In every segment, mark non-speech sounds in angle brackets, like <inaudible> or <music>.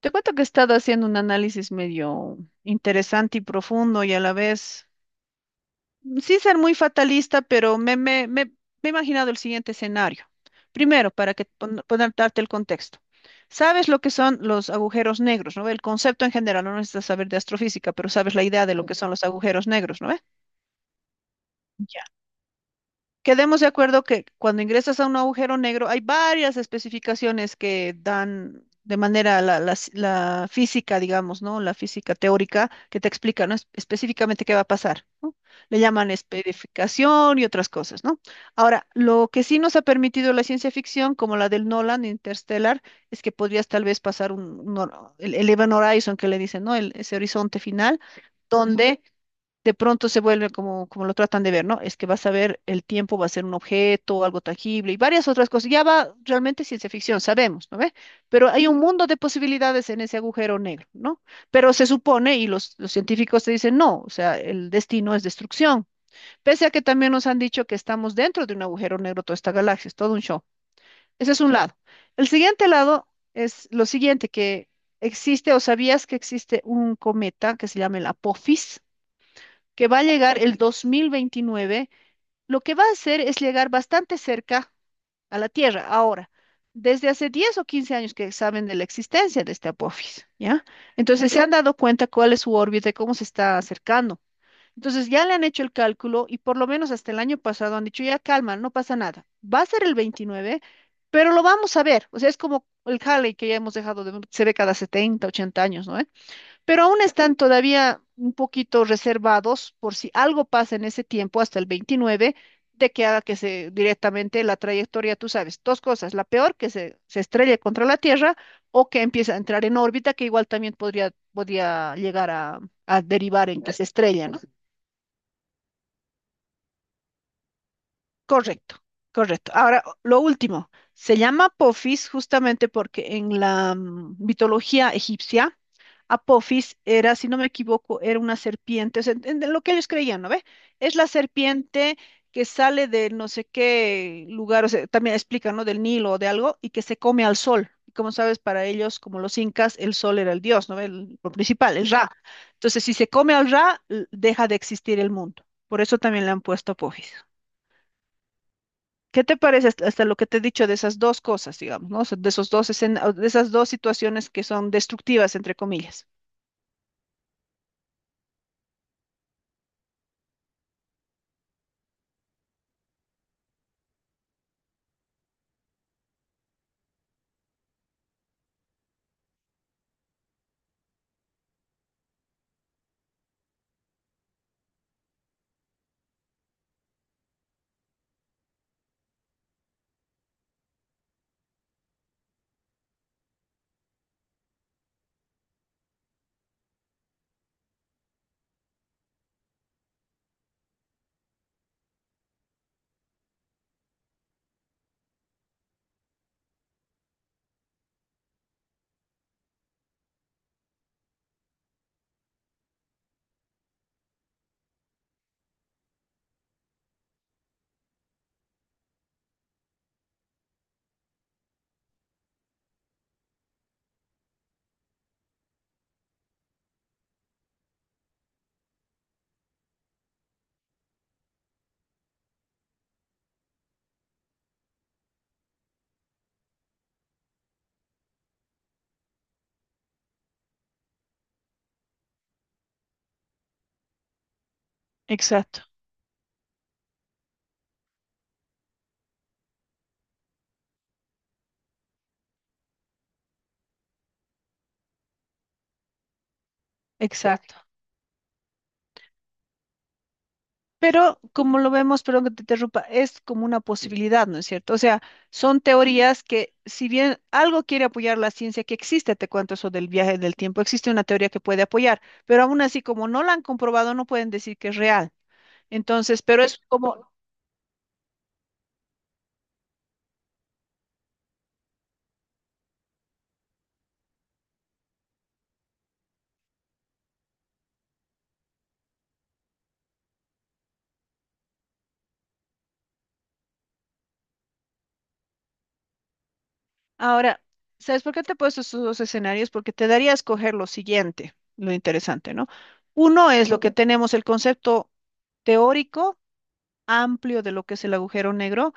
Te cuento que he estado haciendo un análisis medio interesante y profundo y a la vez, sin ser muy fatalista, pero me he imaginado el siguiente escenario. Primero, para que poder darte el contexto. Sabes lo que son los agujeros negros, ¿no ve? El concepto en general, no necesitas saber de astrofísica, pero sabes la idea de lo que son los agujeros negros, ¿no ve? Quedemos de acuerdo que cuando ingresas a un agujero negro hay varias especificaciones que dan de manera la física, digamos, ¿no? La física teórica que te explica, ¿no? es- específicamente qué va a pasar, ¿no? Le llaman especificación y otras cosas, ¿no? Ahora, lo que sí nos ha permitido la ciencia ficción, como la del Nolan, Interstellar, es que podrías tal vez pasar el Event Horizon que le dicen, ¿no? Ese horizonte final, donde de pronto se vuelve como lo tratan de ver, ¿no? Es que vas a ver el tiempo, va a ser un objeto, algo tangible y varias otras cosas. Ya va realmente ciencia ficción, sabemos, ¿no ve? Pero hay un mundo de posibilidades en ese agujero negro, ¿no? Pero se supone, y los científicos te dicen, no, o sea, el destino es destrucción. Pese a que también nos han dicho que estamos dentro de un agujero negro, toda esta galaxia, es todo un show. Ese es un lado. El siguiente lado es lo siguiente, que existe, o sabías que existe un cometa que se llama el Apophis, que va a llegar el 2029, lo que va a hacer es llegar bastante cerca a la Tierra. Ahora, desde hace 10 o 15 años que saben de la existencia de este Apophis, ¿ya? Entonces se han dado cuenta cuál es su órbita y cómo se está acercando. Entonces ya le han hecho el cálculo y por lo menos hasta el año pasado han dicho, ya calma, no pasa nada. Va a ser el 29, pero lo vamos a ver. O sea, es como el Halley que ya hemos dejado de ver, se ve cada 70, 80 años, ¿no? Pero aún están todavía un poquito reservados por si algo pasa en ese tiempo, hasta el 29, de que haga que se directamente la trayectoria, tú sabes, dos cosas, la peor, que se estrelle contra la Tierra o que empiece a entrar en órbita, que igual también podría, podría llegar a derivar en que se estrella, ¿no? Correcto, correcto. Ahora, lo último, se llama Apophis justamente porque en la mitología egipcia, Apophis era, si no me equivoco, era una serpiente, o sea, en lo que ellos creían, ¿no ve? Es la serpiente que sale de no sé qué lugar, o sea, también explica, ¿no? Del Nilo o de algo, y que se come al sol. Y como sabes, para ellos, como los incas, el sol era el dios, ¿no ve? El, lo principal, el Ra. Entonces, si se come al Ra, deja de existir el mundo. Por eso también le han puesto Apophis. ¿Qué te parece hasta, hasta lo que te he dicho de esas dos cosas, digamos, ¿no? O sea, de esos o de esas dos situaciones que son destructivas, entre comillas? Exacto, exacto. Pero como lo vemos, perdón que te interrumpa, es como una posibilidad, ¿no es cierto? O sea, son teorías que, si bien algo quiere apoyar la ciencia que existe, te cuento eso del viaje del tiempo, existe una teoría que puede apoyar, pero aún así, como no la han comprobado, no pueden decir que es real. Entonces, pero es como. Ahora, ¿sabes por qué te he puesto estos dos escenarios? Porque te daría a escoger lo siguiente, lo interesante, ¿no? Uno es lo que tenemos el concepto teórico amplio de lo que es el agujero negro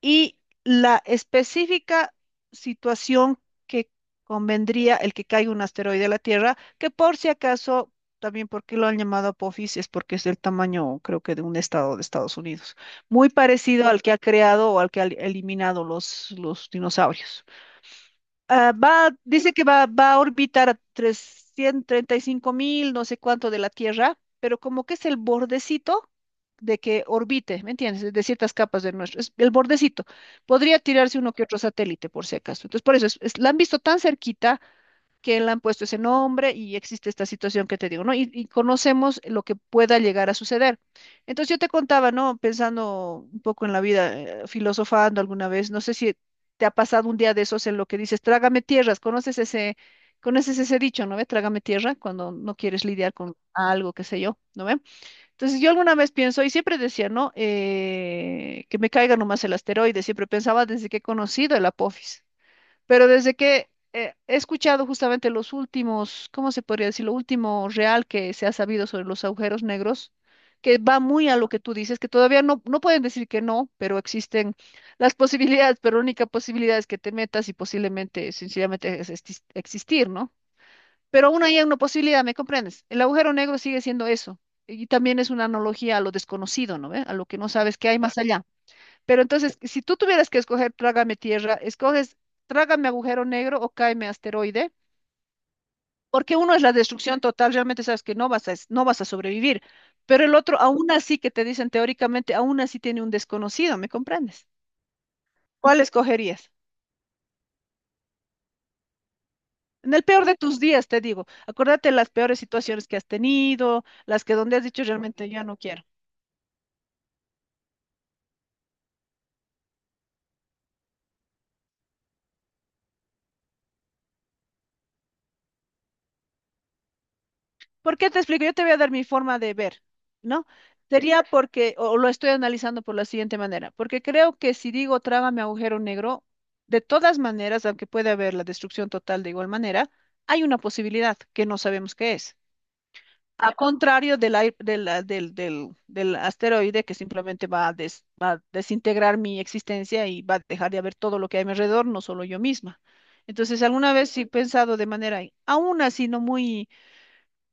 y la específica situación que convendría el que caiga un asteroide a la Tierra, que por si acaso, también porque lo han llamado Apophis, es porque es del tamaño, creo que de un estado de Estados Unidos, muy parecido al que ha creado o al que ha eliminado los dinosaurios. Ah, va, dice que va, va a orbitar a 335.000, no sé cuánto de la Tierra, pero como que es el bordecito de que orbite, ¿me entiendes? De ciertas capas de nuestro, es el bordecito. Podría tirarse uno que otro satélite, por si acaso. Entonces, por eso, la han visto tan cerquita que le han puesto ese nombre y existe esta situación que te digo, ¿no? Y conocemos lo que pueda llegar a suceder. Entonces yo te contaba, ¿no? Pensando un poco en la vida, filosofando alguna vez, no sé si te ha pasado un día de esos en lo que dices, trágame tierras, conoces ese dicho, ¿no ve? Trágame tierra cuando no quieres lidiar con algo, qué sé yo, ¿no ve? Entonces yo alguna vez pienso, y siempre decía, ¿no? Que me caiga nomás el asteroide, siempre pensaba desde que he conocido el Apophis. Pero desde que he escuchado justamente los últimos, ¿cómo se podría decir? Lo último real que se ha sabido sobre los agujeros negros, que va muy a lo que tú dices, que todavía no, no pueden decir que no, pero existen las <laughs> posibilidades, pero la única posibilidad es que te metas y posiblemente, sencillamente, es existir, ¿no? Pero aún hay una posibilidad, ¿me comprendes? El agujero negro sigue siendo eso. Y también es una analogía a lo desconocido, ¿no ve? A lo que no sabes que hay más allá. Pero entonces, si tú tuvieras que escoger Trágame Tierra, escoges Trágame Agujero Negro o Cáeme Asteroide, porque uno es la destrucción total, realmente sabes que no vas a, no vas a sobrevivir, pero el otro, aún así que te dicen teóricamente, aún así tiene un desconocido, ¿me comprendes? ¿Cuál escogerías? En el peor de tus días, te digo, acuérdate las peores situaciones que has tenido, las que donde has dicho realmente ya no quiero. ¿Por qué te explico? Yo te voy a dar mi forma de ver, ¿no? Sería porque, o lo estoy analizando por la siguiente manera, porque creo que si digo trágame agujero negro, de todas maneras, aunque puede haber la destrucción total de igual manera, hay una posibilidad que no sabemos qué es. A contrario del, ai- del, ah, del, del, del asteroide que simplemente va a, va a desintegrar mi existencia y va a dejar de haber todo lo que hay a mi alrededor, no solo yo misma. Entonces, alguna vez sí he pensado de manera, aún así, no muy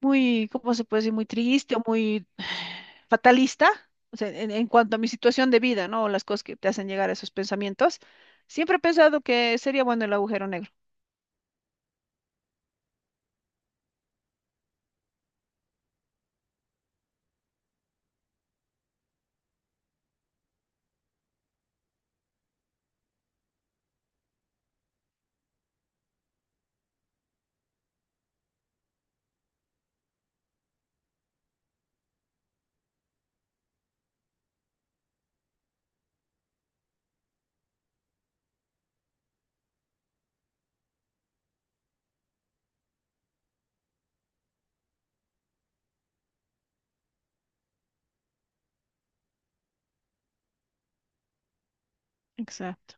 muy, ¿cómo se puede decir? Muy triste o muy <sighs> fatalista, o sea, en cuanto a mi situación de vida, ¿no? Las cosas que te hacen llegar a esos pensamientos, siempre he pensado que sería bueno el agujero negro. Exacto,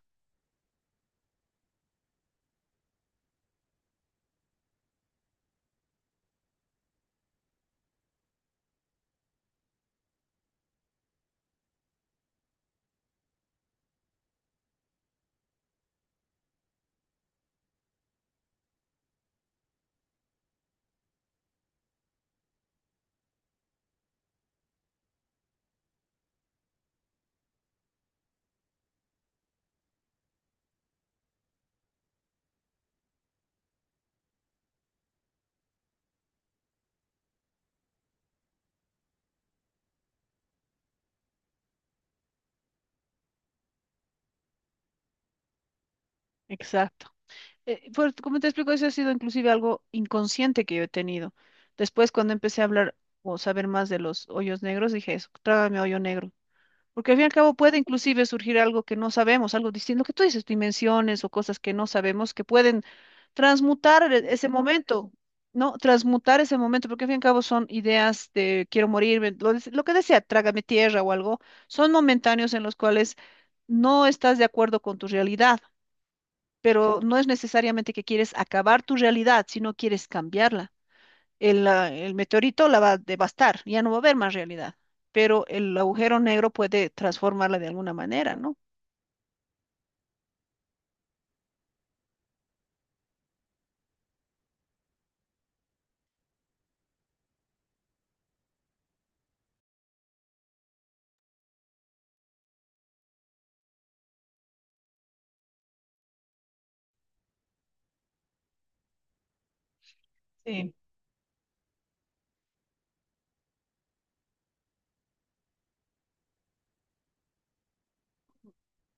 exacto. Pues, como te explico, eso ha sido inclusive algo inconsciente que yo he tenido. Después, cuando empecé a hablar o saber más de los hoyos negros, dije eso, trágame hoyo negro. Porque al fin y al cabo puede inclusive surgir algo que no sabemos, algo distinto, lo que tú dices, dimensiones o cosas que no sabemos que pueden transmutar ese momento, ¿no? Transmutar ese momento, porque al fin y al cabo son ideas de quiero morirme, lo que decía, trágame tierra o algo, son momentáneos en los cuales no estás de acuerdo con tu realidad, pero no es necesariamente que quieres acabar tu realidad, sino quieres cambiarla. El meteorito la va a devastar, ya no va a haber más realidad, pero el agujero negro puede transformarla de alguna manera, ¿no?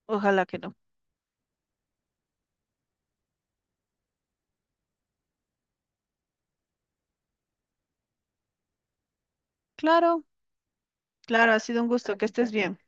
Ojalá que no. Claro, claro, ha sido un gusto, que estés bien.